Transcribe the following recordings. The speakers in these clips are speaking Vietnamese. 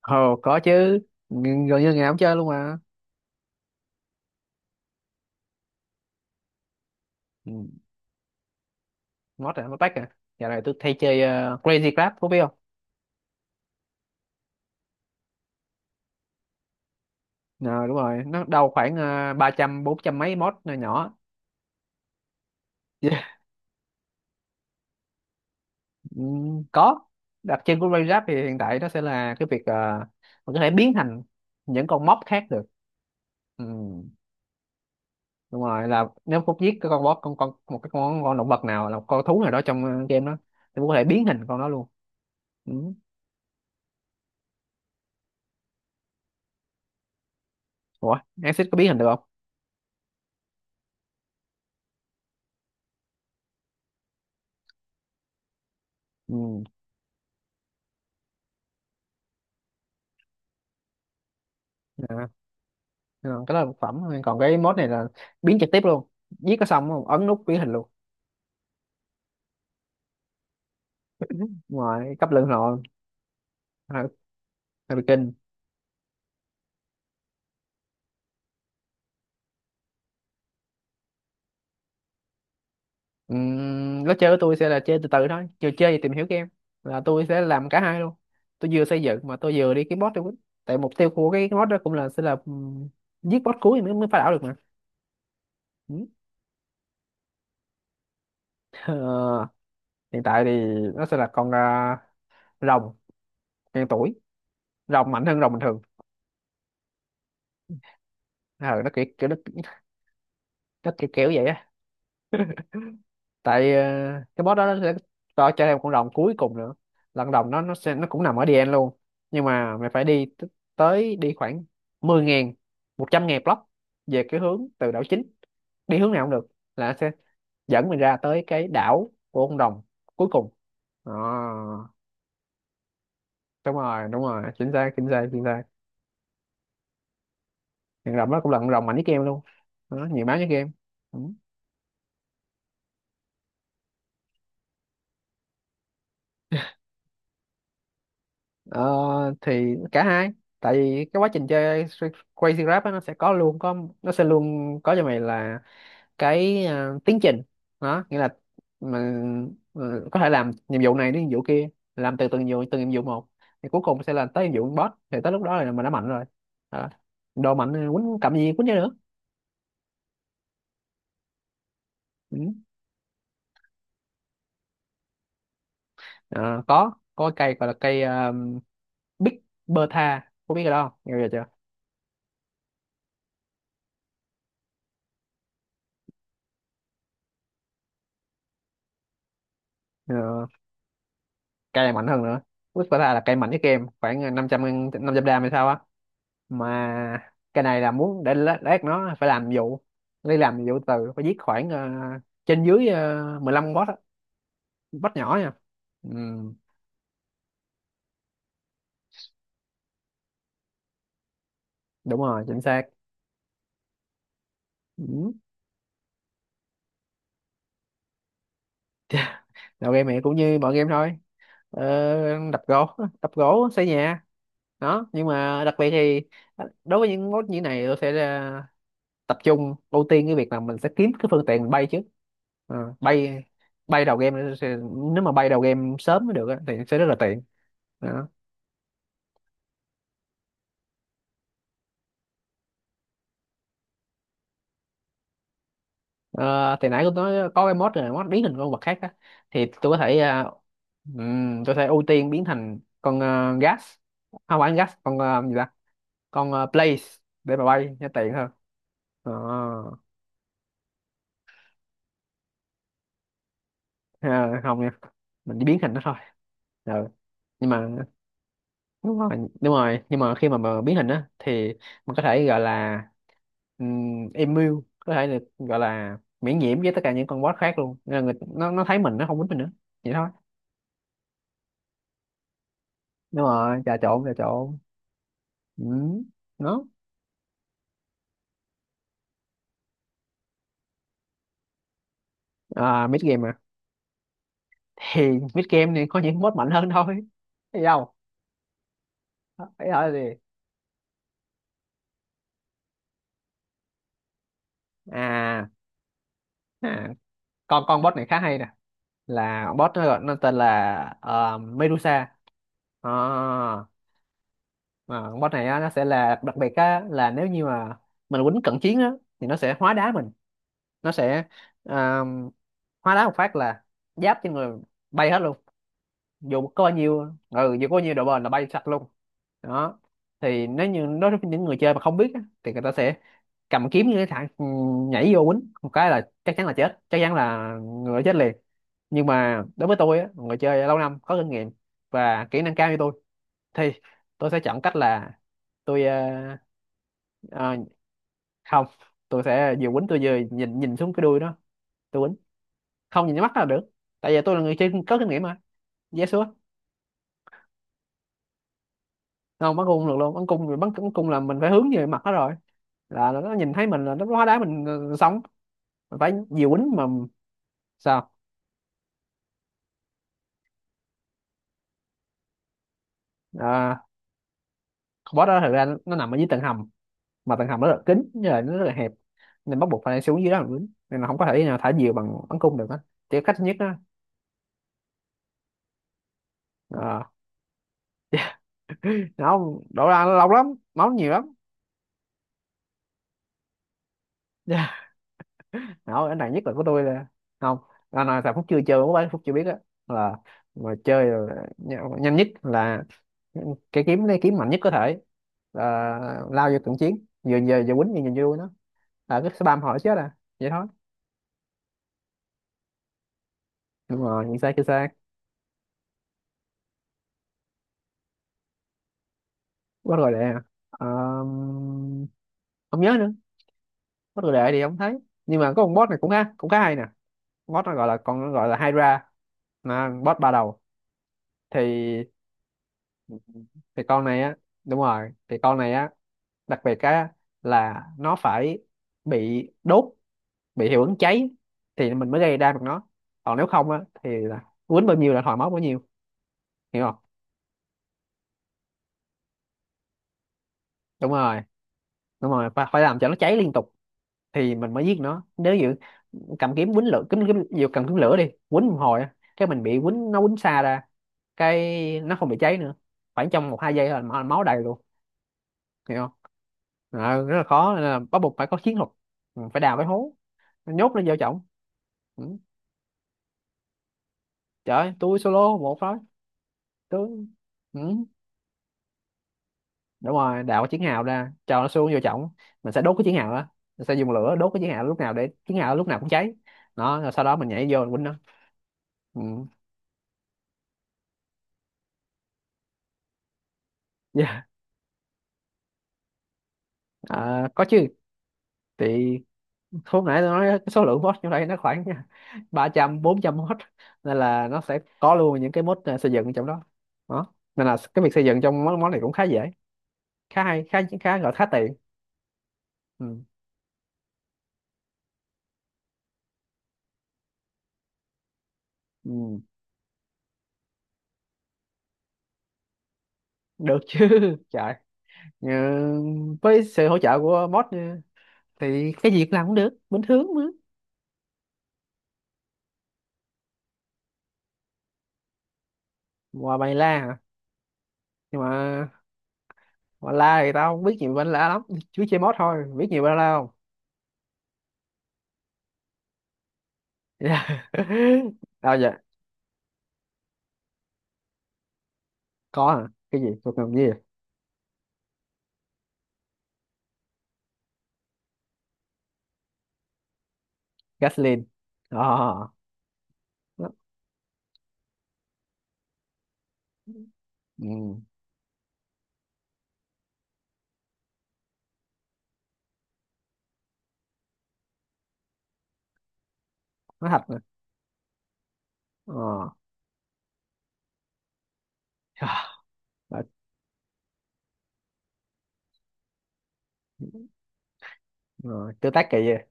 Ồ, có chứ. Gần như ngày nào cũng chơi luôn mà. ừ. Mod à, mod pack à? Giờ này tôi thay chơi Crazy Club, có biết không? Ờ, đúng rồi, nó đâu khoảng ba trăm bốn trăm mấy mod nhỏ nhỏ. Ừ, có. Đặc trưng của Crazy Club thì hiện tại nó sẽ là cái việc mình có thể biến thành những con mob khác được. Ừ. Đúng rồi, là nếu Phúc giết cái con boss, con một cái con động vật nào, là một con thú nào đó trong game đó, thì Phúc có thể biến hình con đó luôn. Ừ. Ủa, Axis có biến hình được không? Ừ. À. Ờ, cái đó là một phẩm thôi, còn cái mode này là biến trực tiếp luôn, giết có xong không, ấn nút biến hình luôn. Ngoài cấp lượng rồi. Hơi, hơi bị kinh. Lối chơi của tôi sẽ là chơi từ từ thôi, vừa chơi vừa tìm hiểu game, là tôi sẽ làm cả hai luôn. Tôi vừa xây dựng mà tôi vừa đi kiếm boss luôn, tại mục tiêu của cái boss đó cũng là sẽ là giết boss cuối mới mới phá đảo được mà. Ừm. Ờ, hiện tại thì nó sẽ là con à, rồng ngàn tuổi, rồng mạnh hơn rồng bình thường. Ờ, nó kiểu kiểu vậy á. Tại cái boss đó nó sẽ cho thêm con rồng cuối cùng nữa, là con rồng nó cũng nằm ở DN luôn, nhưng mà mày phải tới đi khoảng 10 ngàn 100 ngàn block về cái hướng từ đảo chính, đi hướng nào cũng được, là nó sẽ dẫn mình ra tới cái đảo của con rồng cuối cùng đó. Đúng rồi, đúng rồi, chính xác, chính xác, chính xác. Con rồng đó cũng là con rồng mạnh nhất game luôn, đó, nhiều máu nhất game. Ừ. Ờ, thì cả hai. Tại vì cái quá trình chơi Crazy Rap á, nó sẽ luôn có nó sẽ luôn có cho mày là cái à, tiến trình đó, nghĩa là mình có thể làm nhiệm vụ này đến nhiệm vụ kia, làm từng nhiệm vụ một, thì cuối cùng sẽ là tới nhiệm vụ boss, thì tới lúc đó là mình đã mạnh rồi. Đó. Đồ mạnh thì quýnh cầm gì quýnh cho nữa. Ừ. Ờ, có cái cây gọi là cây uh, Big Bertha, có biết cái đó không, nghe bao giờ chưa? Ờ, cay mạnh hơn nữa. Whisper tha là cây mạnh nhất game, khoảng 500 gram hay sao á. Mà cái này là muốn để lát lát nó phải làm vụ, đi làm vụ từ phải giết khoảng trên dưới 15 boss á, boss nhỏ nha. Ừ, đúng rồi chính xác. Ừ. Đầu game này cũng như mọi game thôi, đập gỗ đập gỗ xây nhà. Đó, nhưng mà đặc biệt thì đối với những mốt như này tôi sẽ tập trung ưu tiên cái việc là mình sẽ kiếm cái phương tiện mình bay trước. Ờ, bay, bay đầu game thì- nếu mà bay đầu game sớm mới được á, thì sẽ rất là tiện. Đó. Ờ, thì nãy tôi nói có cái mod rồi, mod biến thành con vật khác á, thì tôi có thể tôi sẽ ưu tiên biến thành con gas, không phải gas, con gì ta, con blaze, để mà bay cho tiện hơn. Ờ, à, không nha, mình chỉ biến thành nó thôi. Ờ, nhưng mà đúng rồi, đúng rồi, nhưng mà khi mà biến hình á thì mình có thể gọi là immune, có thể được gọi là miễn nhiễm với tất cả những con boss khác luôn, nên là người, nó thấy mình nó không quýnh mình nữa, vậy thôi. Đúng rồi, trà trộn, trà trộn. Ừ. Nó à, mid game à, thì mid game này có những boss mạnh hơn thôi, thấy không, thấy thôi gì. À, à, con boss này khá hay nè, là boss nó tên là Medusa. À, mà con boss này á, nó sẽ là đặc biệt á, là nếu như mà mình quýnh cận chiến á thì nó sẽ hóa đá mình, nó sẽ à, hóa đá một phát là giáp trên người bay hết luôn, dù có bao nhiêu, ừ, dù có bao nhiêu độ bền là bay sạch luôn. Đó. Thì nếu như đối với những người chơi mà không biết á, thì người ta sẽ cầm kiếm như cái thằng nhảy vô quýnh một cái là chắc chắn là chết, chắc chắn là người đó chết liền. Nhưng mà đối với tôi á, người chơi lâu năm có kinh nghiệm và kỹ năng cao như tôi, thì tôi sẽ chọn cách là tôi ờ, không, tôi sẽ vừa quýnh tôi vừa nhìn nhìn xuống cái đuôi nó, tôi quýnh không nhìn mắt là được, tại vì tôi là người chơi có kinh nghiệm mà. Yes sure. Không, bắn cung không được luôn, bắn cung, bắn cung là mình phải hướng về mặt nó rồi, là nó nhìn thấy mình là nó hóa đá mình, sống mình phải vừa quýnh mà. Sao? À, con boss đó thực ra nó nằm ở dưới tầng hầm, mà tầng hầm nó rất là kín, như là nó rất là hẹp, nên bắt buộc phải xuống dưới đó mình quýnh, nên là không có thể nào thả diều bằng bắn cung được á, chỉ có cách duy nhất đó. Ờ, không, đổ ra nó lâu lắm, máu nhiều lắm. Dạ. Không, cái này nhất là của tôi là không, là là thằng Phúc chưa chơi, của bán Phúc chưa biết á, là mà chơi là nhanh nhất là cái kiếm, lấy kiếm mạnh nhất có thể, là lao vô cận chiến vừa vừa vừa quýnh vừa nhìn vui nó, là cứ spam hỏi chết à, vậy thôi. Đúng rồi nhìn xa kia xa. Quá rồi đệ à. Ờm, Không nhớ nữa. Quá rồi đệ thì không thấy. Nhưng mà có con boss này cũng khá, cũng khá hay nè, boss nó gọi là, còn gọi là Hydra, là boss ba đầu. thì thì con này á đúng rồi, thì con này á, đặc biệt á, là nó phải bị đốt, bị hiệu ứng cháy, thì mình mới gây ra được nó, còn nếu không á thì là quýnh bao nhiêu là thòi máu bấy nhiêu, hiểu không. Đúng rồi, đúng rồi, phải làm cho nó cháy liên tục thì mình mới giết nó. Nếu như cầm kiếm quýnh lửa kiếm, dù cầm kiếm lửa đi quýnh một hồi á, cái mình bị quýnh, nó quýnh xa ra, cái nó không bị cháy nữa, khoảng trong một hai giây là máu đầy luôn, hiểu không. Ờ, rất là khó nên là bắt buộc phải có chiến thuật. Ừ, phải đào cái hố, mình nhốt nó vô chồng. Ừ. Trời ơi, tôi solo một thôi. Tôi, ừ. Đúng rồi, đào cái chiến hào ra cho nó xuống vô chồng, mình sẽ đốt cái chiến hào đó, mình sẽ dùng lửa đốt cái chiến hào lúc nào để chiến hào lúc nào cũng cháy nó, rồi sau đó mình nhảy vô mình quýnh nó. Ừ. Yeah. À, có chứ. Thì hôm nãy tôi nói cái số lượng mod trong đây nó khoảng ba trăm bốn trăm mod, nên là nó sẽ có luôn những cái mod à, xây dựng trong đó. Đó nên là cái việc xây dựng trong món món này cũng khá dễ, khá hay, khá khá gọi khá tiện. Ừ. Ừ. Được chứ. Trời. Ờ, với sự hỗ trợ của bot nha, thì cái gì cũng làm cũng được bình thường mà. Ngoài bài la hả? Nhưng mà ngoài la thì tao không biết nhiều bài la lắm, chú chơi bot thôi biết nhiều bài la không. Tao giờ có hả, cái gì thuộc ngầm gì. Gasoline. Ờ, nó- ừ. Nó thật nè. Ờ. Ờ, ờ, tương tác kỳ vậy.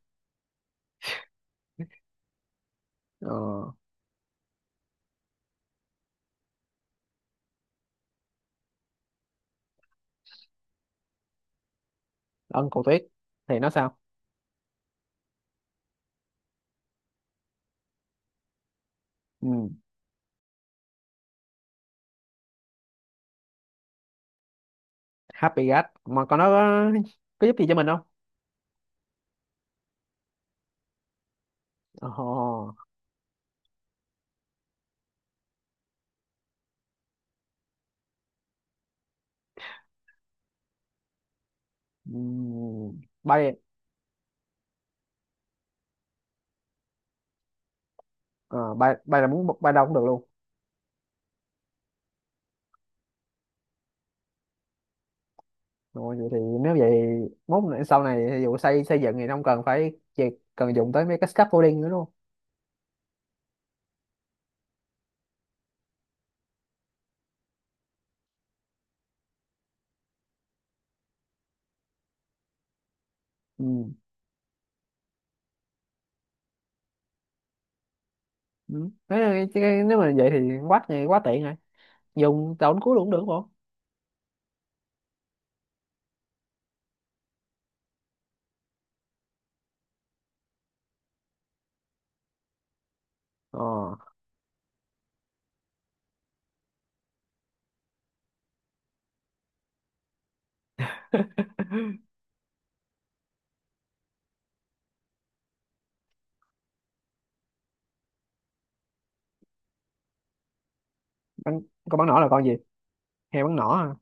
Ờ, ân cổ tuyết thì nó sao. Ừ. Happy gas mà còn nó có giúp gì cho mình không. Ờ. Bay. À, bay, bay là muốn bay đâu cũng được luôn. Rồi vậy thì, nếu vậy sau này ví dụ xây, xây dựng thì không cần phải chỉ cần dùng tới mấy cái scaffolding nữa luôn. Ừ. Ừ. Thế là cái- nếu mà vậy thì quá, thì quá tiện rồi, dùng tàu đánh cuối luôn cũng được không. Ờ, bắn, con bắn nỏ là con gì, heo bắn nỏ hả?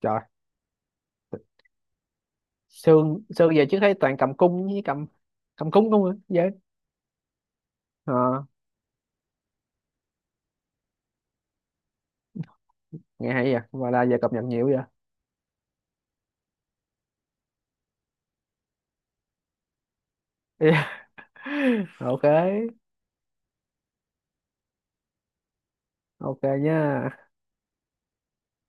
Trời, xương xương về chứ thấy toàn cầm cung với cầm, cầm cung, không rồi vậy. Ờ, nghe hay vậy và là giờ cập nhật nhiều vậy. OK. OK nha.